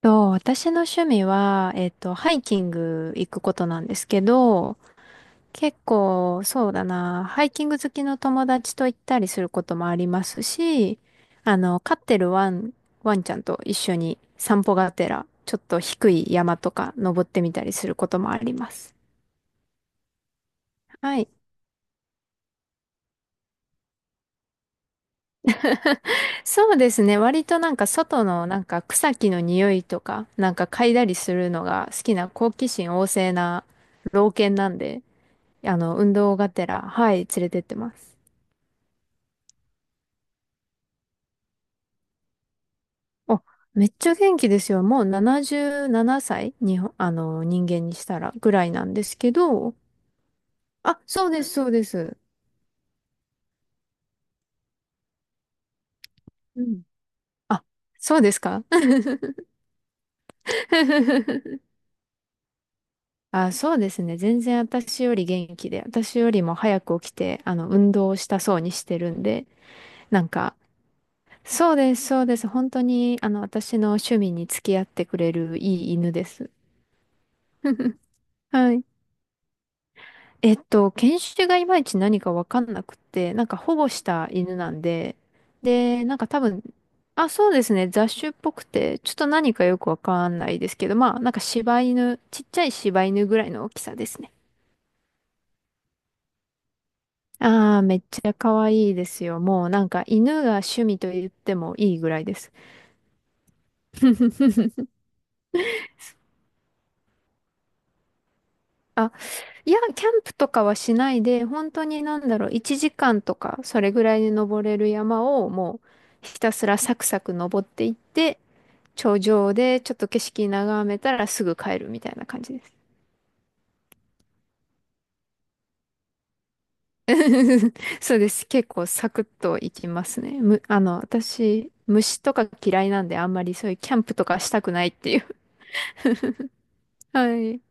私の趣味は、ハイキング行くことなんですけど、結構、そうだな、ハイキング好きの友達と行ったりすることもありますし、飼ってるワンちゃんと一緒に散歩がてら、ちょっと低い山とか登ってみたりすることもあります。はい。そうですね。割となんか外のなんか草木の匂いとか、なんか嗅いだりするのが好きな好奇心旺盛な老犬なんで、運動がてら、はい、連れてってます。お、めっちゃ元気ですよ。もう77歳に、人間にしたらぐらいなんですけど、あ、そうです、そうです。うん。あ、そうですか？ あ、そうですね。全然私より元気で、私よりも早く起きて、運動をしたそうにしてるんで、なんか、そうです、そうです。本当に、私の趣味に付き合ってくれるいい犬です。はい。犬種がいまいち何かわかんなくって、なんか保護した犬なんで、で、なんか多分、あ、そうですね、雑種っぽくて、ちょっと何かよくわかんないですけど、まあ、なんか柴犬、ちっちゃい柴犬ぐらいの大きさですね。ああ、めっちゃ可愛いですよ。もうなんか犬が趣味と言ってもいいぐらいです。あ、いや、キャンプとかはしないで、本当になんだろう、1時間とか、それぐらいで登れる山をもうひたすらサクサク登っていって、頂上でちょっと景色眺めたらすぐ帰るみたいな感じです。そうです。結構サクッと行きますね。私、虫とか嫌いなんであんまりそういうキャンプとかしたくないっていう。はい。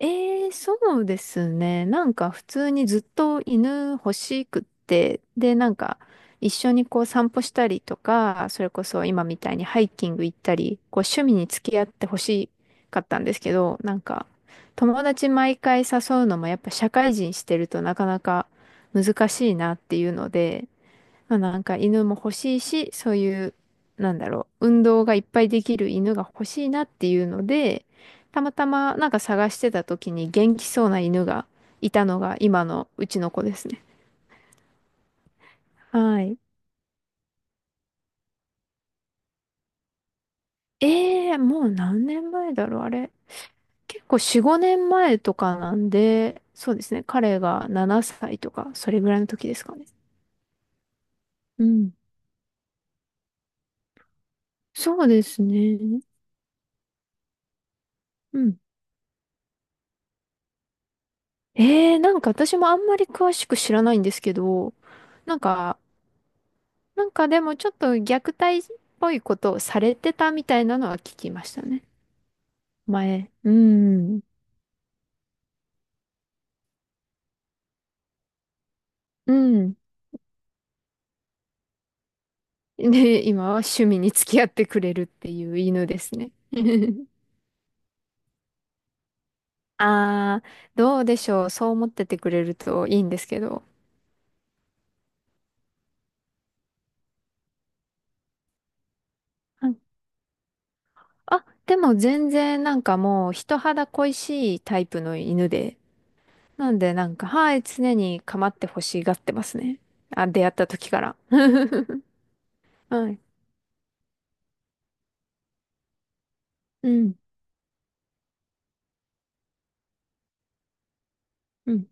ええ、そうですね。なんか普通にずっと犬欲しくって、で、なんか一緒にこう散歩したりとか、それこそ今みたいにハイキング行ったり、こう趣味に付き合って欲しかったんですけど、なんか友達毎回誘うのもやっぱ社会人してるとなかなか難しいなっていうので、まあ、なんか犬も欲しいし、そういう、なんだろう、運動がいっぱいできる犬が欲しいなっていうので、たまたまなんか探してた時に元気そうな犬がいたのが今のうちの子ですね。はい。ええ、もう何年前だろう、あれ。結構4、5年前とかなんで、そうですね。彼が7歳とか、それぐらいの時ですかね。うん。そうですね。うん。ええ、なんか私もあんまり詳しく知らないんですけど、なんかなんかでもちょっと虐待っぽいことをされてたみたいなのは聞きましたね。前。うん。うん。で、今は趣味に付き合ってくれるっていう犬ですね。ああ、どうでしょう。そう思っててくれるといいんですけど。うん。あ、でも全然なんかもう人肌恋しいタイプの犬で。なんでなんか、はい、常に構ってほしがってますね。あ、出会った時から。はい。うん。うん。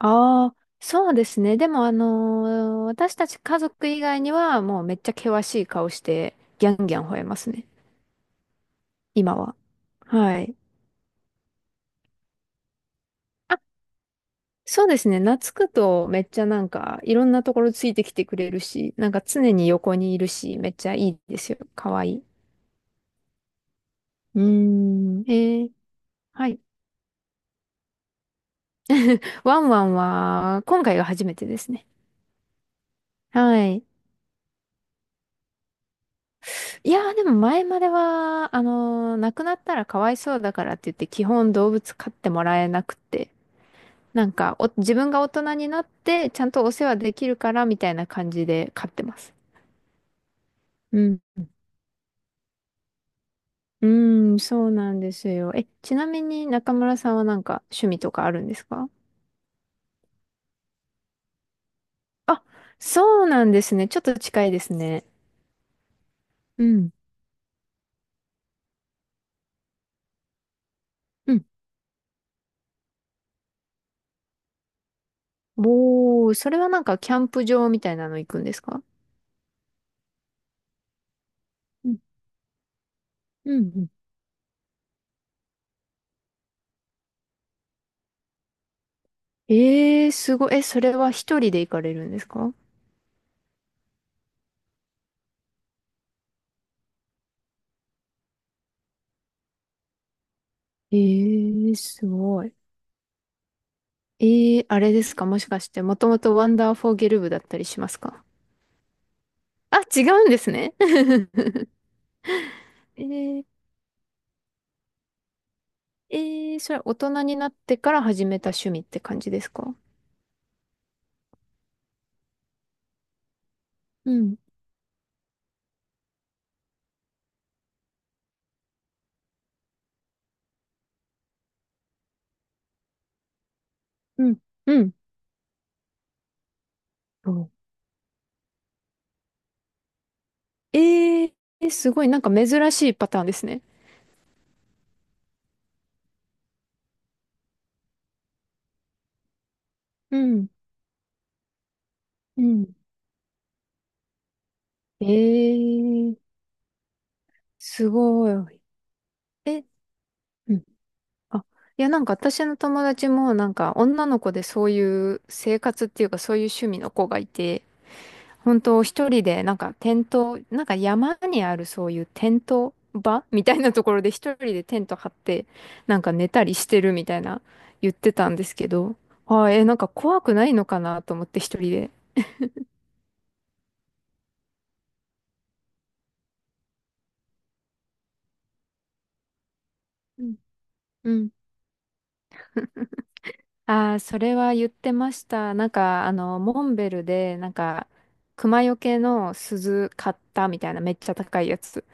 ああ、そうですね。でも、私たち家族以外には、もうめっちゃ険しい顔して、ギャンギャン吠えますね。今は。はい。あ、そうですね。懐くと、めっちゃなんか、いろんなところついてきてくれるし、なんか常に横にいるし、めっちゃいいですよ。かわいい。うーん。ー、はい。ワンワンは、今回が初めてですね。はい。いやー、でも前までは、亡くなったらかわいそうだからって言って、基本動物飼ってもらえなくて、なんか自分が大人になってちゃんとお世話できるからみたいな感じで飼ってます。うん。うん、そうなんですよ。え、ちなみに中村さんはなんか趣味とかあるんですか？あ、そうなんですね。ちょっと近いですね。うん。うん。おー、それはなんかキャンプ場みたいなの行くんですか？うんうんうん。えー、すごい。え、それは一人で行かれるんですか？えー、すごい。えー、あれですか？もしかして、もともとワンダーフォーゲル部だったりしますか？あ、違うんですね。えー、えそれは大人になってから始めた趣味って感じですか？うん、うん、うん。そう。えー、すごい、なんか珍しいパターンですね。うん、うん。えー、すごい。え、うん。あ、いや、なんか私の友達も、なんか女の子でそういう生活っていうか、そういう趣味の子がいて、本当一人でなんかテント、なんか山にあるそういうテント場みたいなところで一人でテント張ってなんか寝たりしてるみたいな言ってたんですけど、ああ、なんか怖くないのかなと思って一人で。うん。うん。ああ、それは言ってました。なんか、モンベルで、なんか、熊よけの鈴買ったみたいな、めっちゃ高いやつ。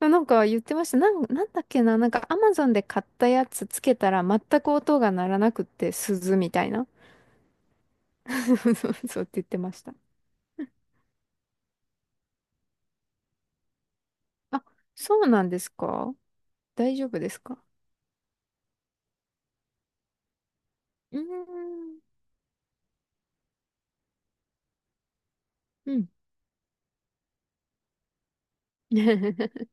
なんか言ってました。なんだっけな。なんかアマゾンで買ったやつつけたら全く音が鳴らなくって鈴みたいな。そうそうそうって言ってました。あ、そうなんですか？大丈夫ですか？うーん。うん。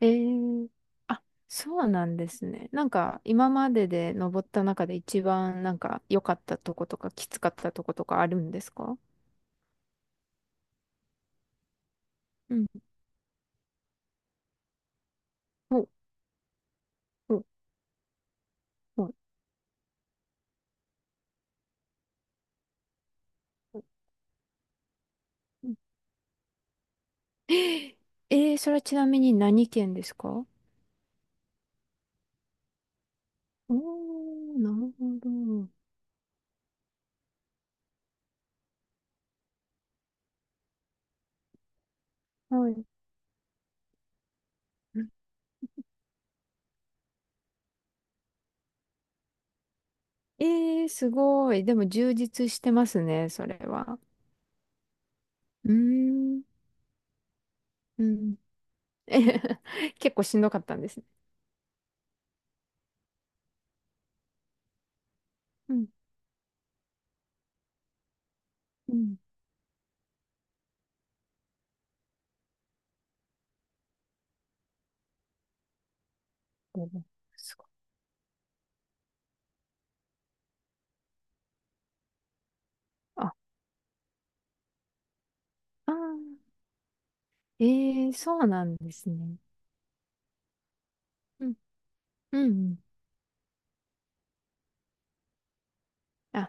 えー、あ、そうなんですね。なんか今までで登った中で一番なんか良かったとことかきつかったとことかあるんですか？うん。お、お、お、お。うん。えそれはちなみに何県ですか？おー、なるほど。はい。えー、すごい。でも充実してますね、それは。うーん。うん。えへへ結構しんどかったんですね。うん。うん。すごい。あ、ああ、えー、そうなんですね。うん。うんうん。あ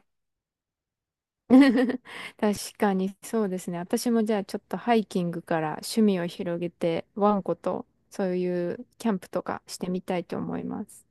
確かにそうですね。私もじゃあちょっとハイキングから趣味を広げて、ワンコとそういうキャンプとかしてみたいと思います。